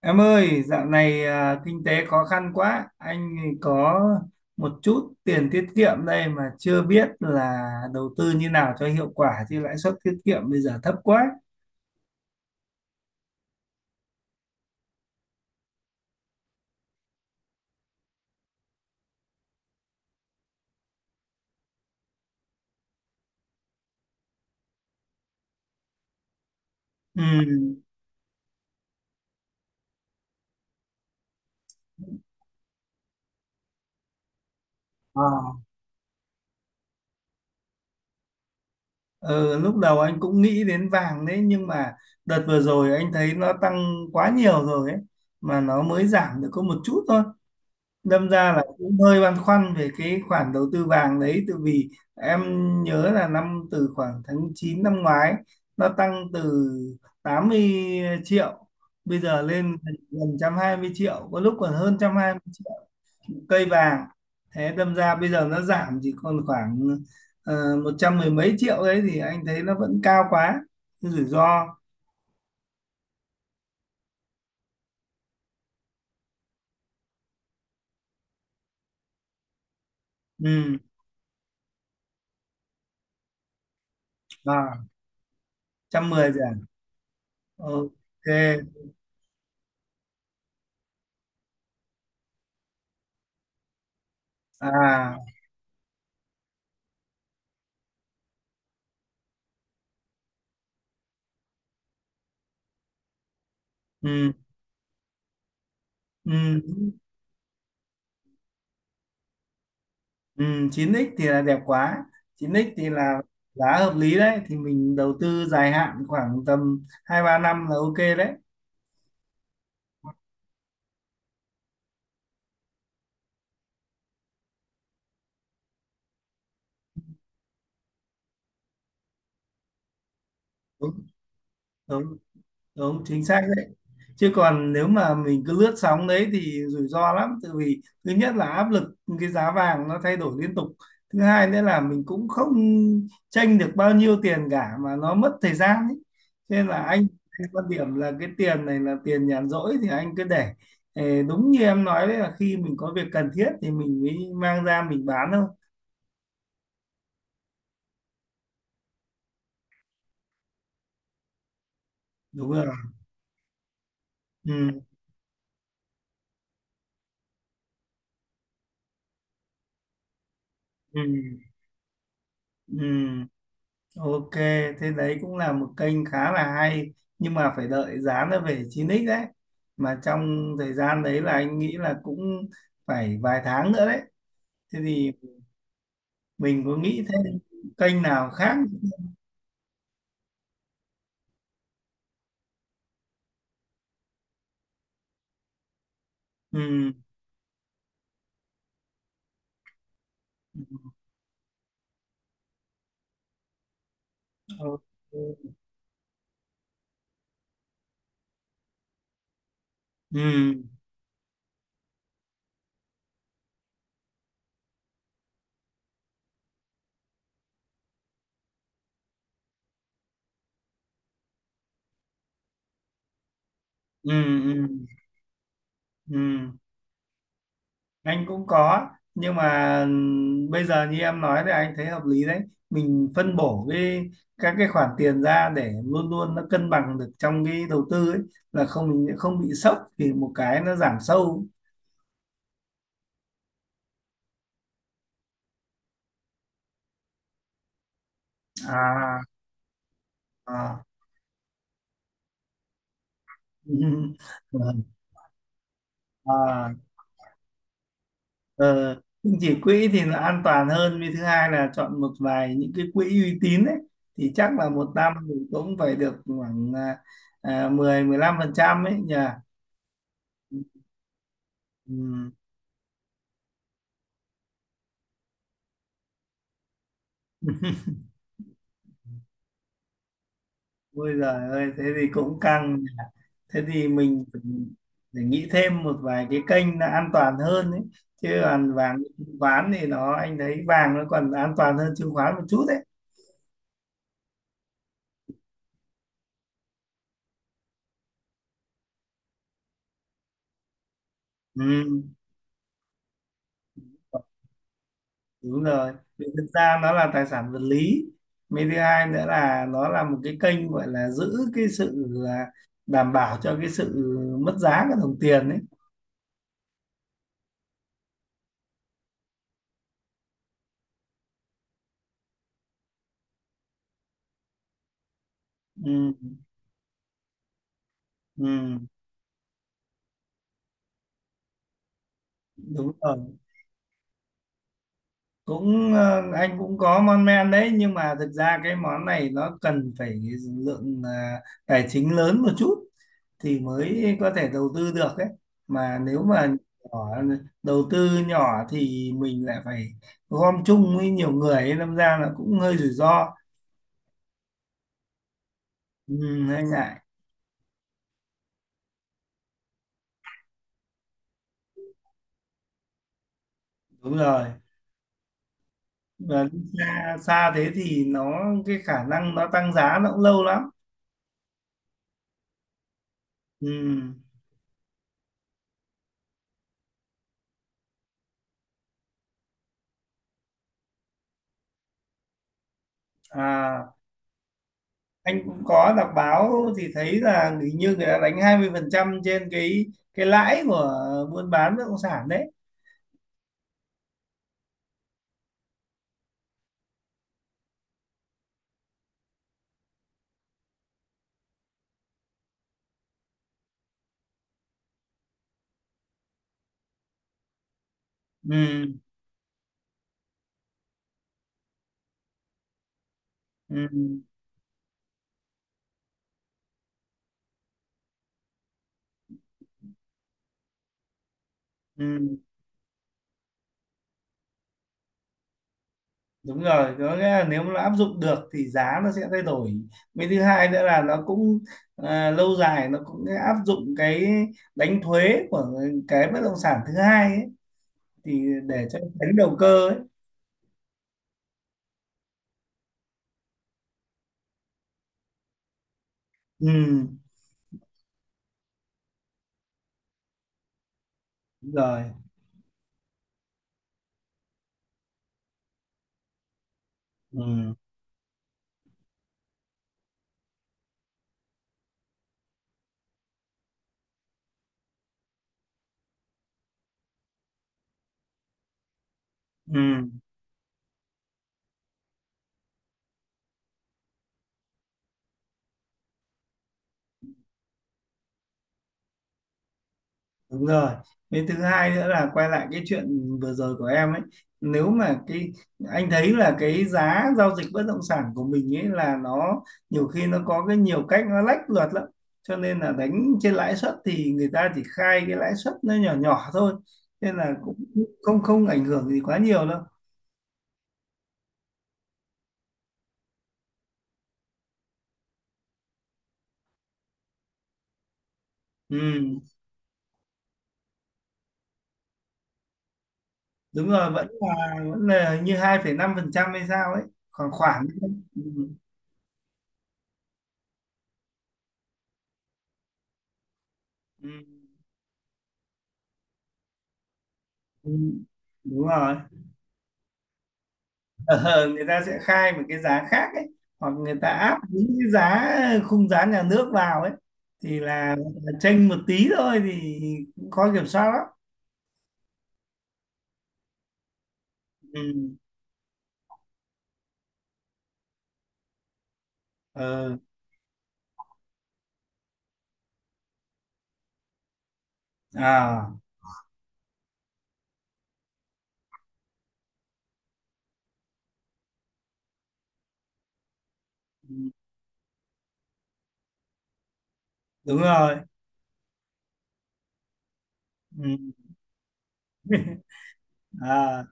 Em ơi, dạo này à, kinh tế khó khăn quá, anh có một chút tiền tiết kiệm đây mà chưa biết là đầu tư như nào cho hiệu quả, chứ lãi suất tiết kiệm bây giờ thấp quá. Ừ. Ờ. Ờ, lúc đầu anh cũng nghĩ đến vàng đấy, nhưng mà đợt vừa rồi anh thấy nó tăng quá nhiều rồi ấy, mà nó mới giảm được có một chút thôi, đâm ra là cũng hơi băn khoăn về cái khoản đầu tư vàng đấy. Tại vì em nhớ là năm từ khoảng tháng 9 năm ngoái nó tăng từ 80 triệu, bây giờ lên gần 120 triệu, có lúc còn hơn 120 triệu cây vàng. Thế đâm ra bây giờ nó giảm chỉ còn khoảng 100 mười mấy triệu đấy, thì anh thấy nó vẫn cao quá, cái rủi ro. Ừ. À, 110 rồi à? Ok. À. Ừ, ừ. Ừ, 9x thì là đẹp quá, chín x thì là giá hợp lý đấy, thì mình đầu tư dài hạn khoảng tầm hai ba năm là ok đấy. đúng. Đúng. Đúng chính xác đấy. Chứ còn nếu mà mình cứ lướt sóng đấy thì rủi ro lắm, tại vì thứ nhất là áp lực, cái giá vàng nó thay đổi liên tục. Thứ hai nữa là mình cũng không tranh được bao nhiêu tiền cả, mà nó mất thời gian ấy. Cho nên là anh quan điểm là cái tiền này là tiền nhàn rỗi, thì anh cứ để. Ờ, đúng như em nói đấy, là khi mình có việc cần thiết thì mình mới mang ra mình bán thôi. Đúng rồi. Ừ, ừ, ừ. Ok, thế đấy cũng là một kênh khá là hay, nhưng mà phải đợi giá nó về chín x đấy. Mà trong thời gian đấy là anh nghĩ là cũng phải vài tháng nữa đấy. Thế thì mình có nghĩ thêm kênh nào khác? Ừ. Ừ. Ừ. Ừ. Ừ. Ừ. Ừ. Anh cũng có, nhưng mà bây giờ như em nói thì anh thấy hợp lý đấy. Mình phân bổ các cái khoản tiền ra để luôn luôn nó cân bằng được trong cái đầu tư ấy, là không mình không bị sốc thì một cái nó giảm sâu. À. À. à. Ờ, Nhưng chỉ quỹ thì là an toàn hơn, vì thứ hai là chọn một vài những cái quỹ uy tín ấy, thì chắc là một năm thì cũng phải được khoảng 10 15 phần trăm ấy nhỉ. Ừ. Ôi giời ơi, thế thì cũng căng nhỉ. Thế thì mình phải nghĩ thêm một vài cái kênh là an toàn hơn ấy. Chứ còn vàng chứng khoán thì anh thấy vàng nó còn an toàn hơn chứng khoán một chút đấy. Ừ, đúng rồi. Vì thực ra nó là tài sản vật lý. Mấy thứ hai nữa là nó là một cái kênh gọi là giữ cái sự đảm bảo cho cái sự mất giá của đồng tiền ấy. Ừ, ừ, đúng rồi. Cũng anh cũng có mon men đấy, nhưng mà thực ra cái món này nó cần phải lượng tài chính lớn một chút thì mới có thể đầu tư được ấy. Mà nếu mà nhỏ, đầu tư nhỏ thì mình lại phải gom chung với nhiều người ấy, đâm ra là cũng hơi rủi ro. Ừ, hơi ngại. Đúng rồi. Và đi xa xa thế thì cái khả năng nó tăng giá nó cũng lâu lắm. Ừ. À, anh cũng có đọc báo, thì thấy là hình như người ta đánh 20% trên cái lãi của buôn bán bất động sản đấy. Ừ, ừ, ừ. Đúng rồi, có nghĩa là nếu mà nó áp dụng được thì giá nó sẽ thay đổi. Với thứ hai nữa là nó cũng lâu dài nó cũng áp dụng cái đánh thuế của cái bất động sản thứ hai ấy, thì để cho tránh đầu cơ ấy. Ừ, đúng rồi. Ừ, ừ. Đúng rồi. Cái thứ hai nữa là quay lại cái chuyện vừa rồi của em ấy. Nếu mà anh thấy là cái giá giao dịch bất động sản của mình ấy, là nó nhiều khi nó có cái nhiều cách nó lách luật lắm. Cho nên là đánh trên lãi suất thì người ta chỉ khai cái lãi suất nó nhỏ nhỏ thôi. Nên là cũng không không ảnh hưởng gì quá nhiều đâu. Ừ, đúng rồi, vẫn là hình như 2,5% hay sao ấy, khoảng khoảng. Ừ. Ừ. Ừ, đúng rồi. Ờ, người ta sẽ khai một cái giá khác ấy, hoặc người ta áp đúng cái giá khung giá nhà nước vào ấy, thì là chênh một tí thôi, thì cũng khó kiểm soát lắm. Ừ. Ờ. À. Ừ, đúng rồi. Ừ. À,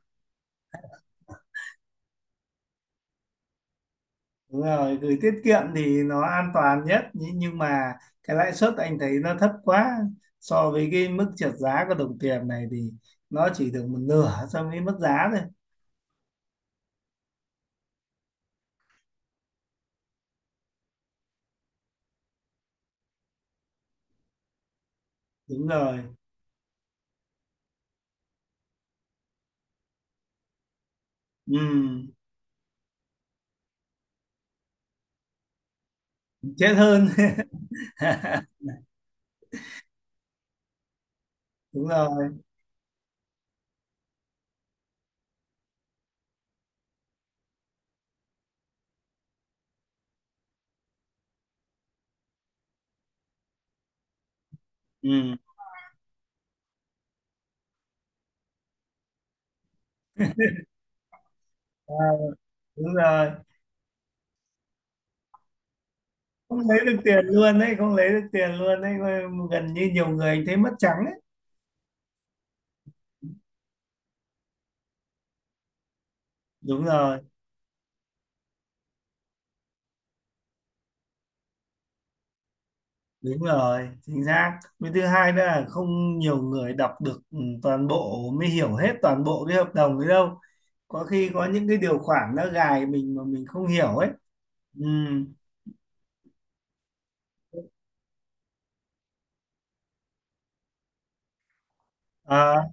đúng rồi, gửi tiết kiệm thì nó an toàn nhất nhưng mà cái lãi suất anh thấy nó thấp quá, so với cái mức trượt giá của đồng tiền này thì nó chỉ được một nửa so với mức giá thôi. Đúng rồi. Ừ. Chết hơn. đúng rồi. Ừ. À, đúng rồi. Không lấy được tiền luôn đấy, không lấy được tiền luôn đấy. Gần như nhiều người anh thấy mất trắng ấy. Đúng rồi. Đúng rồi, chính xác. Với thứ hai nữa là không nhiều người đọc được toàn bộ mới hiểu hết toàn bộ cái hợp đồng ấy đâu. Có khi có những cái điều khoản nó gài mình mà mình không hiểu ấy. Ừ. À.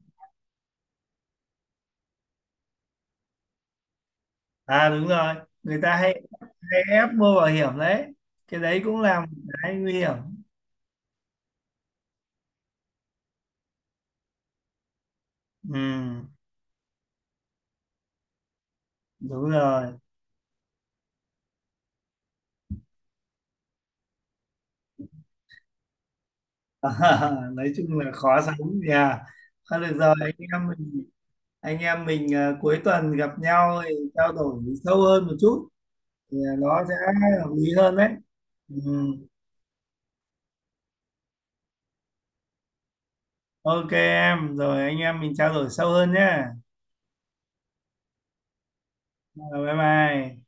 À, đúng rồi, người ta hay hay ép mua bảo hiểm đấy, cái đấy cũng là một cái nguy hiểm. Ừ, đúng rồi. nói chung là khó sống nhà. Thôi được rồi, anh em mình à, cuối tuần gặp nhau thì trao đổi sâu hơn một chút, thì nó sẽ hợp lý hơn đấy. Ừ. Ok em, rồi anh em mình trao đổi sâu hơn nhé. Rồi, bye bye.